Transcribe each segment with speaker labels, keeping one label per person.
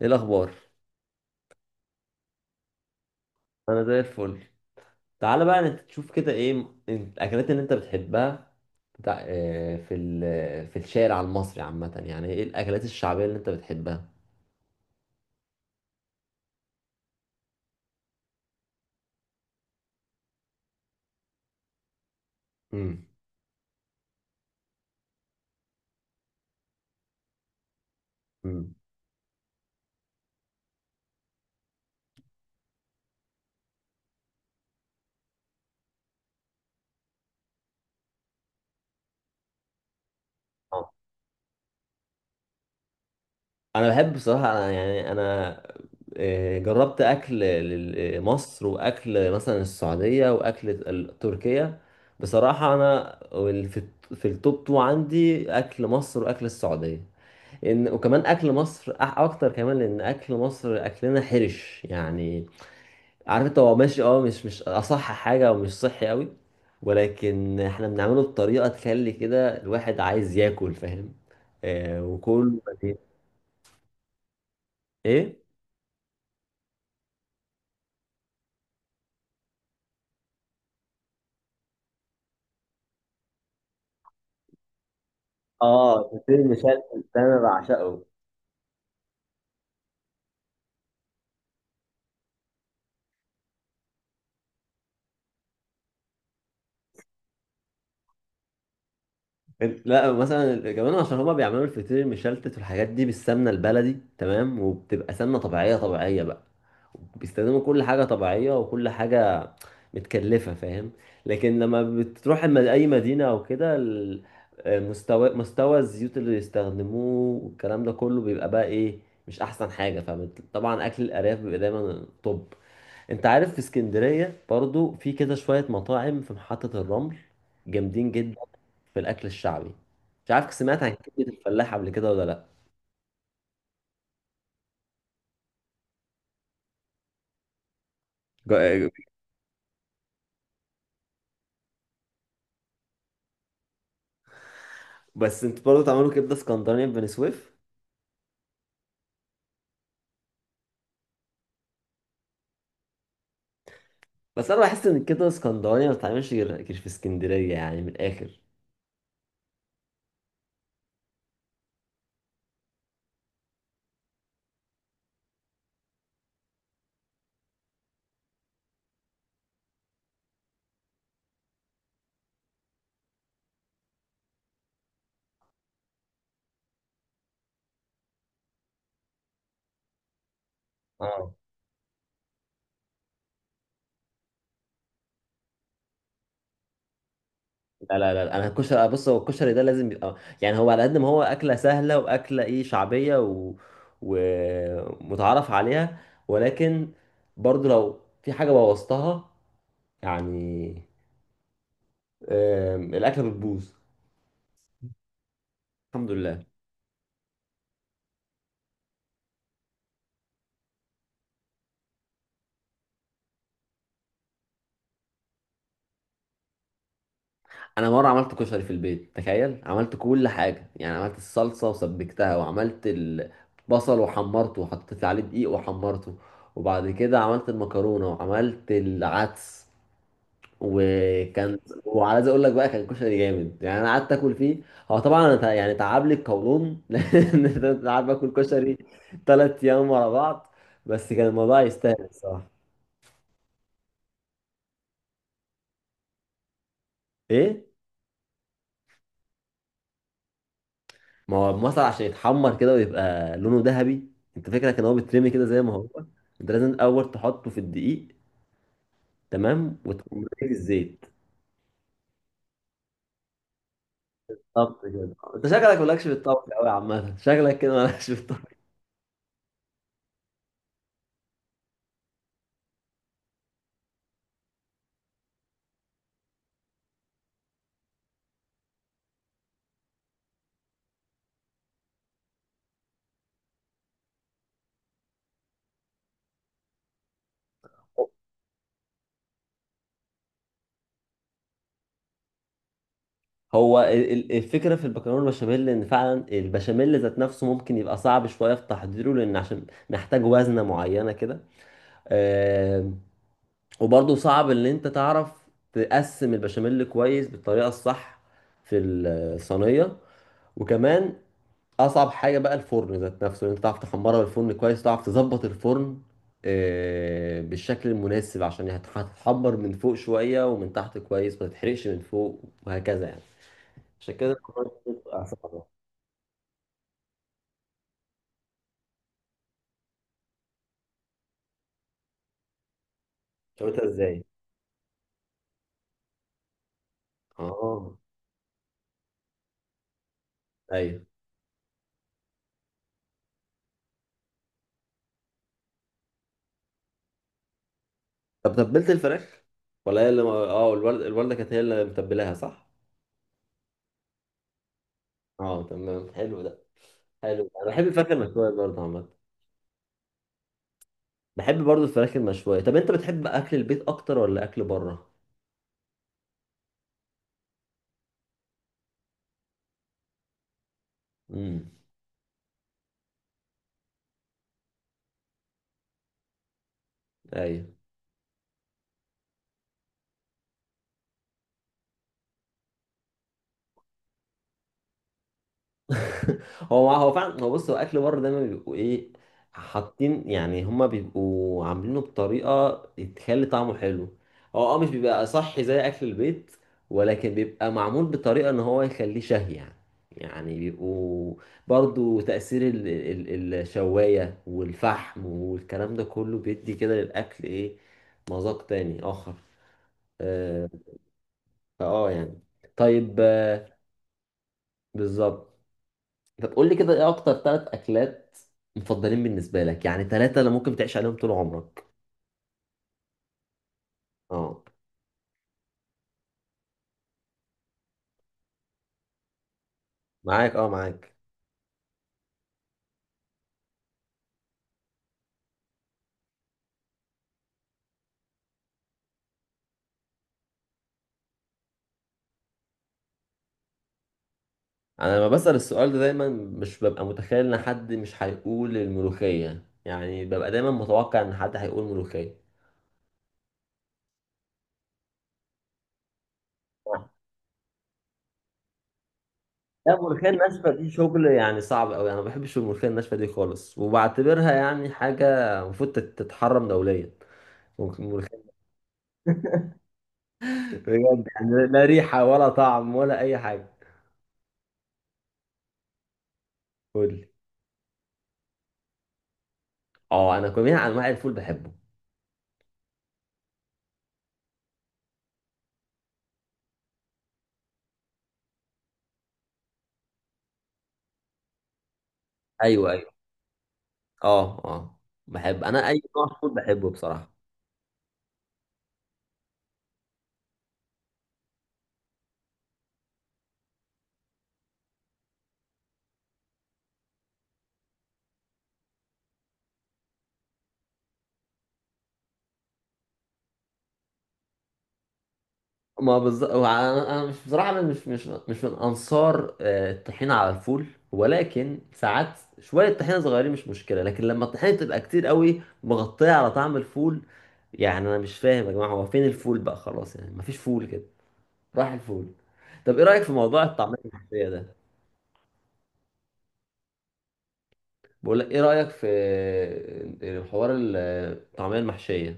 Speaker 1: ايه الاخبار؟ انا زي الفل. تعالى بقى، انت تشوف كده ايه الاكلات اللي انت بتحبها بتاع. في الشارع المصري عامه، يعني ايه الاكلات الشعبيه اللي انت بتحبها؟ امم. امم. آه. انا بحب بصراحه، انا يعني انا جربت اكل مصر، واكل مثلا السعوديه، واكل تركيا. بصراحه انا في التوب تو عندي اكل مصر واكل السعوديه. ان وكمان اكل مصر اكتر، كمان لان اكل مصر اكلنا حرش يعني. عارف انت، هو ماشي، مش اصح حاجه ومش صحي قوي، ولكن احنا بنعمله بطريقه تخلي كده الواحد عايز ياكل، فاهم؟ وكل. ايه؟ اه، الفطير المشلتت ده انا بعشقه. لا، مثلا كمان عشان هما بيعملوا الفطير المشلتت والحاجات دي بالسمنه البلدي، تمام، وبتبقى سمنه طبيعيه طبيعيه بقى. بيستخدموا كل حاجه طبيعيه وكل حاجه متكلفه، فاهم؟ لكن لما بتروح اي مدينه او كده، مستوى الزيوت اللي بيستخدموه والكلام ده كله بيبقى بقى ايه؟ مش احسن حاجه. فطبعا اكل الارياف بيبقى دايما طب. انت عارف، في اسكندرية برضو في كده شوية مطاعم في محطة الرمل جامدين جدا في الأكل الشعبي. مش عارف سمعت عن كبدة الفلاح قبل كده ولا لأ. جا- بس انت برضو تعملوا كبدة اسكندرانية في بني سويف؟ بس أنا بحس إن الكبدة الاسكندرانية ما بتتعملش غير في اسكندرية، يعني من الآخر. لا لا لا، انا الكشري بص، هو الكشري ده لازم يبقى، يعني هو على قد ما هو اكله سهله واكله ايه، شعبيه و... ومتعارف عليها، ولكن برضو لو في حاجه بوظتها، يعني الاكله بتبوظ. الحمد لله. انا مره عملت كشري في البيت، تخيل، عملت كل حاجه، يعني عملت الصلصه وسبكتها، وعملت البصل وحمرته وحطيت عليه دقيق وحمرته، وبعد كده عملت المكرونه وعملت العدس. وكان، وعايز اقول لك بقى، كان كشري جامد، يعني انا قعدت اكل فيه. هو طبعا يعني تعب لي القولون لان أنا قاعد باكل كشري ثلاث ايام ورا بعض، بس كان الموضوع يستاهل الصراحه. ايه؟ ما هو المصل عشان يتحمر كده ويبقى لونه ذهبي. انت فاكرك ان هو بيترمي كده زي ما هو؟ انت لازم الاول تحطه في الدقيق، تمام، وتقوم رميه في الزيت. بالظبط كده. انت شكلك مالكش في الطبخ قوي عامه، شكلك كده مالكش في الطبخ. هو الفكرة في البكالوريا البشاميل إن فعلا البشاميل ذات نفسه ممكن يبقى صعب شوية في تحضيره، لأن عشان محتاج وزنة معينة كده. آم، وبرضه صعب إن أنت تعرف تقسم البشاميل كويس بالطريقة الصح في الصينية. وكمان أصعب حاجة بقى الفرن ذات نفسه، إن أنت تعرف تحمرها بالفرن كويس، تعرف تظبط الفرن بالشكل المناسب، عشان هتتحمر من فوق شوية ومن تحت كويس، ما تتحرقش من فوق وهكذا يعني. عشان كده الموضوع بيبقى صعب. شويتها ازاي؟ اه. ايوه. طب تبلت الفراخ؟ ولا هي اللي الوالده كانت هي اللي متبلاها، صح؟ اه تمام، حلو ده، حلو. انا بحب الفراخ المشويه برضه عامه. بحب برضه الفراخ المشويه. طب انت بتحب اكل البيت اكتر ولا اكل بره؟ امم. ايوه. هو فعلا. هو بص، هو اكل بره دايما بيبقوا ايه؟ حاطين، يعني هما بيبقوا عاملينه بطريقه تخلي طعمه حلو. هو اه مش بيبقى صحي زي اكل البيت، ولكن بيبقى معمول بطريقه ان هو يخليه شهي، يعني. يعني بيبقوا، برضو تأثير الشواية والفحم والكلام ده كله بيدي كده للأكل إيه، مذاق تاني آخر. آه، فآه يعني. طيب. بالظبط. طب قول لي كده، ايه اكتر ثلاث اكلات مفضلين بالنسبه لك؟ يعني ثلاثه اللي ممكن تعيش عليهم طول عمرك. اه معاك، اه معاك. انا لما بسأل السؤال ده، دايما مش ببقى متخيل ان حد مش هيقول الملوخيه، يعني ببقى دايما متوقع ان حد هيقول ملوخيه. لا، الملوخيه الناشفه دي شغل يعني صعب قوي، انا ما بحبش الملوخيه الناشفه دي خالص، وبعتبرها يعني حاجه المفروض تتحرم دوليا. ممكن الملوخيه. بجد يعني، لا ريحه ولا طعم ولا اي حاجه. قول لي. اه، انا جميع انواع الفول بحبه. ايوه ايوه. اه اه. بحب انا اي نوع فول، بحبه بصراحه. ما بالظبط، انا مش، بصراحه انا مش من انصار الطحينه على الفول، ولكن ساعات شويه طحينه صغيرين مش مشكله، لكن لما الطحينه تبقى كتير قوي مغطيه على طعم الفول، يعني انا مش فاهم يا جماعه، هو فين الفول بقى؟ خلاص يعني، مفيش فول كده، راح الفول. طب ايه رايك في موضوع الطعميه المحشيه ده؟ بقول لك، ايه رايك في حوار الطعميه المحشيه؟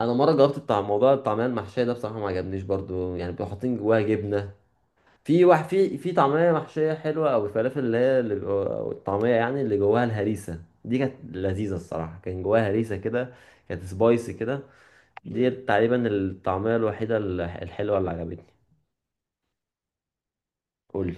Speaker 1: انا مره جربت بتاع موضوع الطعميه المحشيه ده، بصراحه ما عجبنيش برضو يعني، بيبقوا حاطين جواها جبنه. في واحد، في طعميه محشيه حلوه، او الفلافل اللي هي أو الطعميه يعني اللي جواها الهريسه دي، كانت لذيذه الصراحه، كان جواها هريسه كده، كانت سبايسي كده. دي تقريبا الطعميه الوحيده الحلوه اللي عجبتني. قول.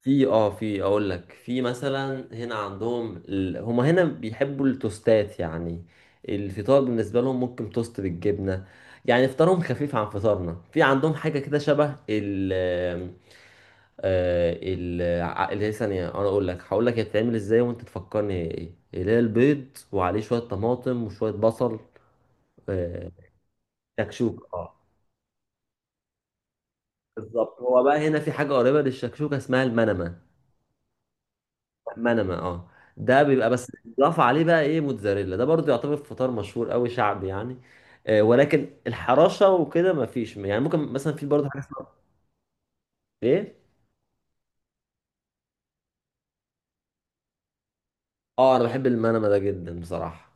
Speaker 1: في اه، في، اقول لك، في مثلا هنا عندهم هما هنا بيحبوا التوستات يعني، الفطار بالنسبه لهم ممكن توست بالجبنه. يعني فطارهم خفيف عن فطارنا. في عندهم حاجه كده شبه ال، اللي هي ثانيه، انا اقول لك، هقول لك هي بتتعمل ازاي وانت تفكرني هي ايه، اللي هي البيض وعليه شويه طماطم وشويه بصل. آه، شكشوك، اه. بالظبط. هو بقى هنا في حاجه قريبه للشكشوكه اسمها المنمه. منما، اه. ده بيبقى بس اضاف عليه بقى ايه، موتزاريلا. ده برضو يعتبر فطار مشهور قوي شعبي يعني. آه، ولكن الحراشة وكده ما فيش، يعني ممكن مثلا في برضو حاجة اسمها ايه. اه، انا بحب المنما ده جدا بصراحة.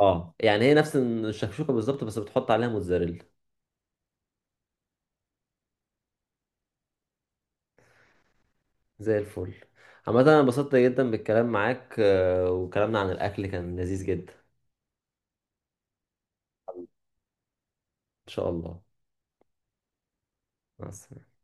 Speaker 1: اه يعني هي نفس الشكشوكة بالظبط، بس بتحط عليها موتزاريلا. زي الفل. عامة انا انبسطت جدا بالكلام معاك، وكلامنا عن الاكل كان لذيذ جدا. ان شاء الله. مع السلامة.